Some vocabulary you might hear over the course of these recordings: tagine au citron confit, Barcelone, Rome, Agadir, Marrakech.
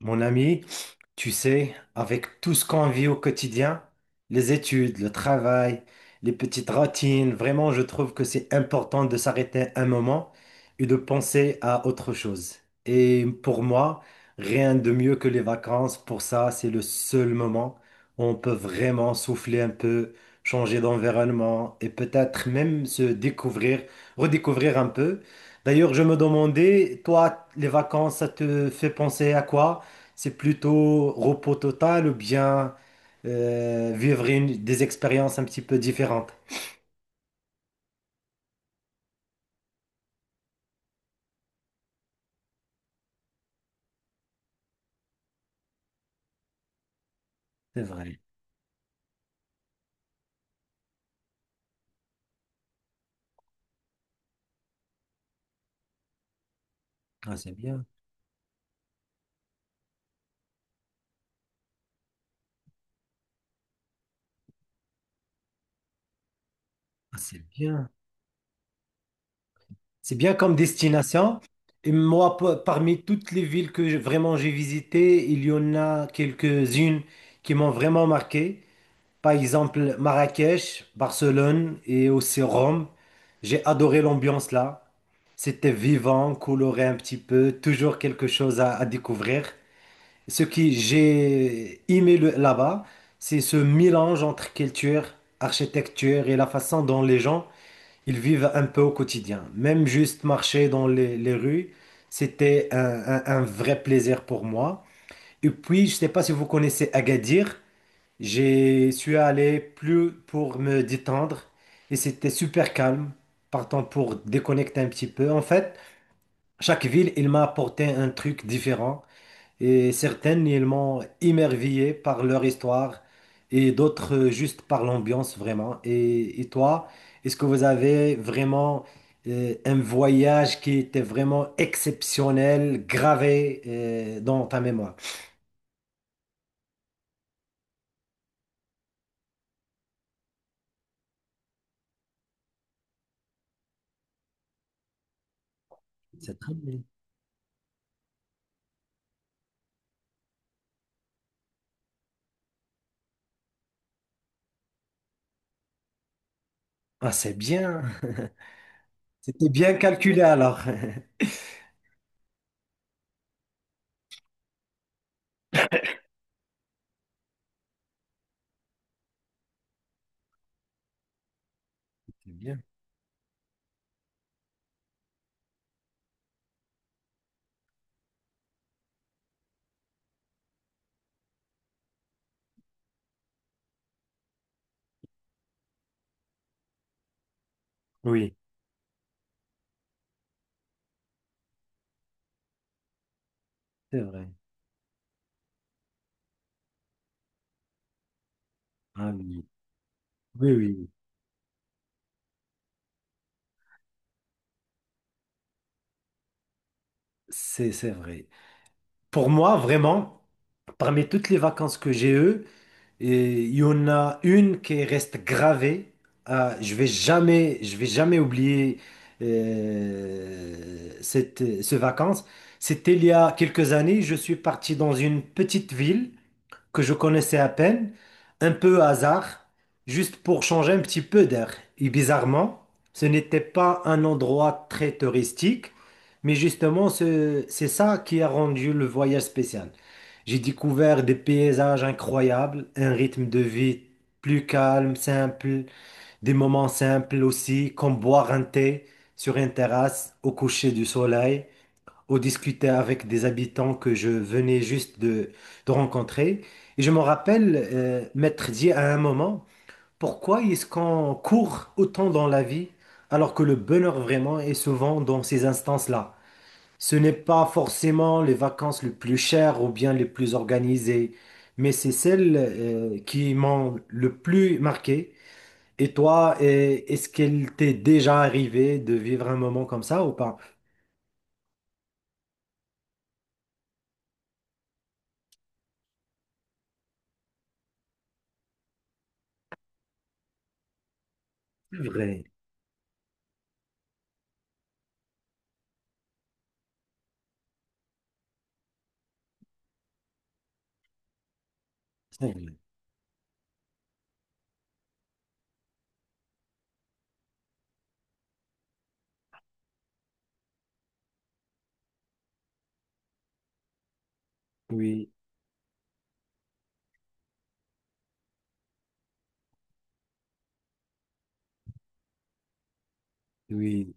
Mon ami, tu sais, avec tout ce qu'on vit au quotidien, les études, le travail, les petites routines, vraiment, je trouve que c'est important de s'arrêter un moment et de penser à autre chose. Et pour moi, rien de mieux que les vacances. Pour ça, c'est le seul moment où on peut vraiment souffler un peu, changer d'environnement et peut-être même se découvrir, redécouvrir un peu. D'ailleurs, je me demandais, toi, les vacances, ça te fait penser à quoi? C'est plutôt repos total ou bien vivre des expériences un petit peu différentes. C'est vrai. Ah, c'est bien. Ah, c'est bien. C'est bien comme destination. Et moi, parmi toutes les villes que vraiment j'ai visitées, il y en a quelques-unes qui m'ont vraiment marqué. Par exemple, Marrakech, Barcelone et aussi Rome. J'ai adoré l'ambiance là. C'était vivant, coloré un petit peu, toujours quelque chose à découvrir. Ce que j'ai aimé là-bas, c'est ce mélange entre culture, architecture et la façon dont les gens ils vivent un peu au quotidien. Même juste marcher dans les rues, c'était un vrai plaisir pour moi. Et puis, je ne sais pas si vous connaissez Agadir, j'y suis allé plus pour me détendre et c'était super calme, partant pour déconnecter un petit peu. En fait, chaque ville, il m'a apporté un truc différent et certaines, ils m'ont émerveillé par leur histoire et d'autres juste par l'ambiance vraiment. Et toi, est-ce que vous avez vraiment un voyage qui était vraiment exceptionnel, gravé dans ta mémoire? C'est très bien. Ah, c'est bien. C'était bien calculé alors. C'est bien. Oui, c'est vrai. Ah oui, oui, oui, oui. C'est vrai. Pour moi, vraiment, parmi toutes les vacances que j'ai eues, et il y en a une qui reste gravée. Ah, je vais jamais oublier ce vacances. C'était il y a quelques années. Je suis parti dans une petite ville que je connaissais à peine, un peu hasard, juste pour changer un petit peu d'air. Et bizarrement, ce n'était pas un endroit très touristique, mais justement, c'est ça qui a rendu le voyage spécial. J'ai découvert des paysages incroyables, un rythme de vie plus calme, simple, des moments simples aussi, comme boire un thé sur une terrasse au coucher du soleil, ou discuter avec des habitants que je venais juste de rencontrer. Et je me rappelle m'être dit à un moment, pourquoi est-ce qu'on court autant dans la vie alors que le bonheur vraiment est souvent dans ces instances-là? Ce n'est pas forcément les vacances les plus chères ou bien les plus organisées, mais c'est celles qui m'ont le plus marqué. Et toi, est-ce qu'il t'est déjà arrivé de vivre un moment comme ça ou pas? C'est vrai, c'est vrai. Oui, oui,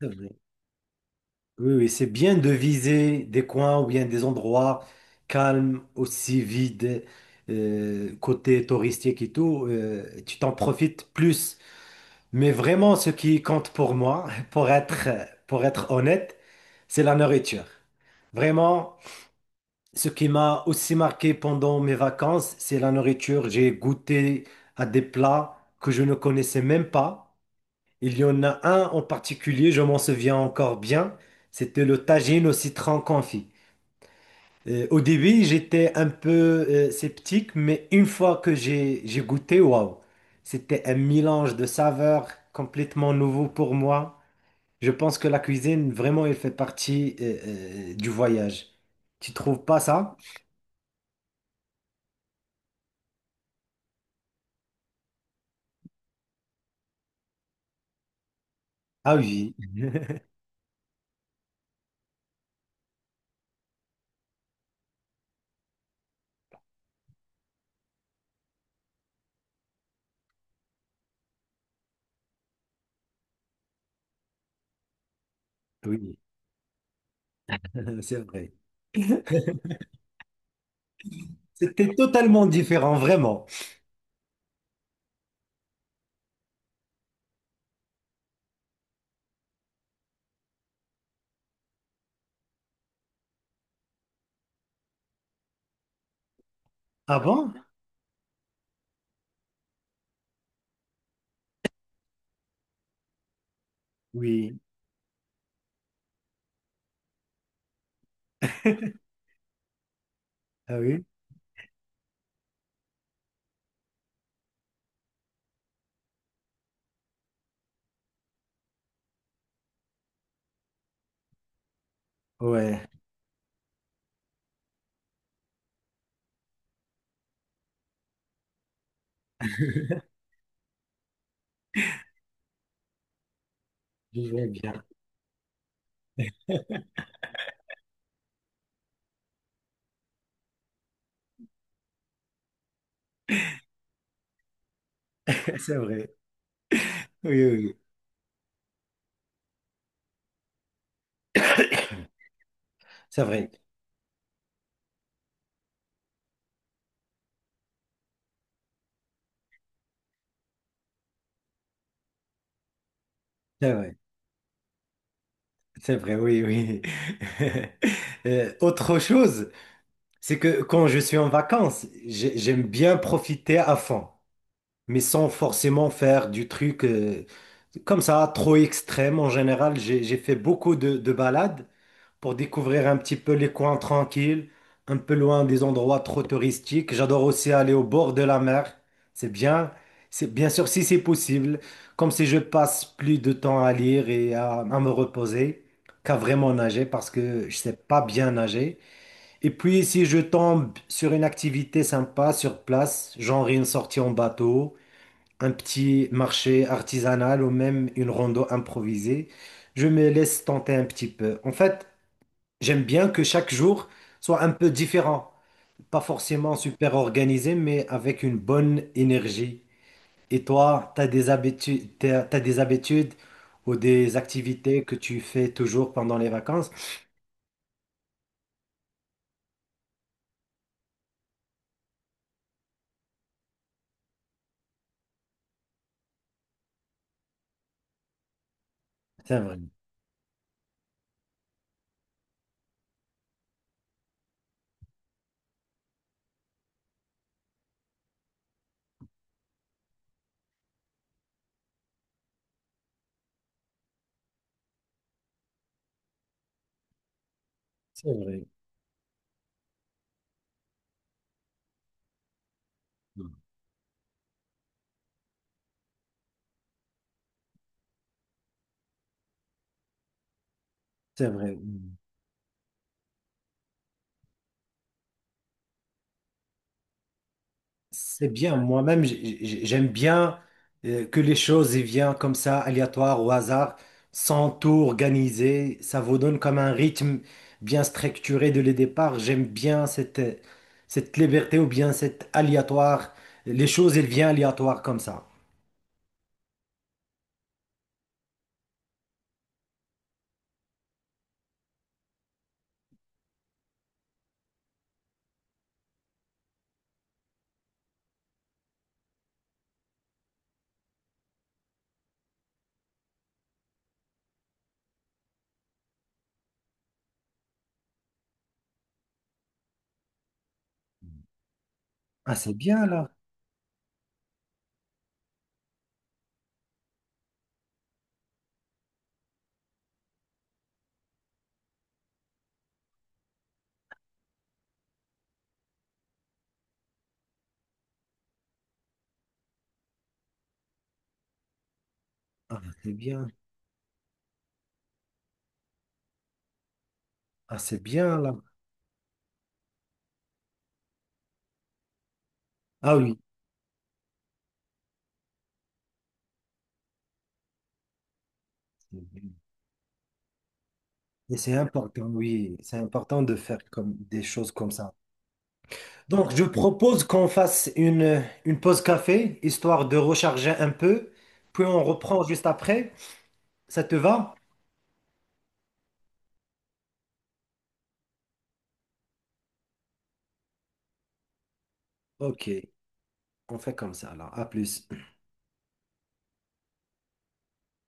c'est vrai. Oui, oui, c'est bien de viser des coins ou bien des endroits calmes, aussi vides, côté touristique et tout. Euh, tu t'en profites plus. Mais vraiment, ce qui compte pour moi, pour être honnête, c'est la nourriture. Vraiment, ce qui m'a aussi marqué pendant mes vacances, c'est la nourriture. J'ai goûté à des plats que je ne connaissais même pas. Il y en a un en particulier, je m'en souviens encore bien. C'était le tagine au citron confit. Au début, j'étais un peu sceptique, mais une fois que j'ai goûté, waouh, c'était un mélange de saveurs complètement nouveau pour moi. Je pense que la cuisine, vraiment, elle fait partie du voyage. Tu trouves pas ça? Ah oui, oui, c'est vrai. C'était totalement différent, vraiment. Ah bon? Oui, ah oui, ouais, je vois bien. C'est vrai, oui, oui, oui. C'est vrai, c'est vrai, c'est vrai, oui, oui. Autre chose, c'est que quand je suis en vacances, j'aime bien profiter à fond, mais sans forcément faire du truc comme ça, trop extrême. En général, j'ai fait beaucoup de balades pour découvrir un petit peu les coins tranquilles, un peu loin des endroits trop touristiques. J'adore aussi aller au bord de la mer. C'est bien, c'est bien sûr si c'est possible, comme si je passe plus de temps à lire à me reposer, qu'à vraiment nager parce que je sais pas bien nager. Et puis si je tombe sur une activité sympa sur place, genre une sortie en bateau, un petit marché artisanal ou même une rando improvisée, je me laisse tenter un petit peu. En fait, j'aime bien que chaque jour soit un peu différent, pas forcément super organisé, mais avec une bonne énergie. Et toi, t'as des habitudes ou des activités que tu fais toujours pendant les vacances? C'est vrai, c'est vrai, c'est vrai. C'est bien, moi-même, j'aime bien que les choses y viennent comme ça, aléatoires, au hasard, sans tout organiser. Ça vous donne comme un rythme bien structuré dès le départ. J'aime bien cette liberté ou bien cette aléatoire. Les choses, elles viennent aléatoires comme ça. Ah, c'est bien là. Ah, c'est bien. Ah, c'est bien là. Ah oui. Et c'est important, oui. C'est important de faire comme des choses comme ça. Donc, je propose qu'on fasse une pause café, histoire de recharger un peu, puis on reprend juste après. Ça te va? Ok, on fait comme ça alors. À plus.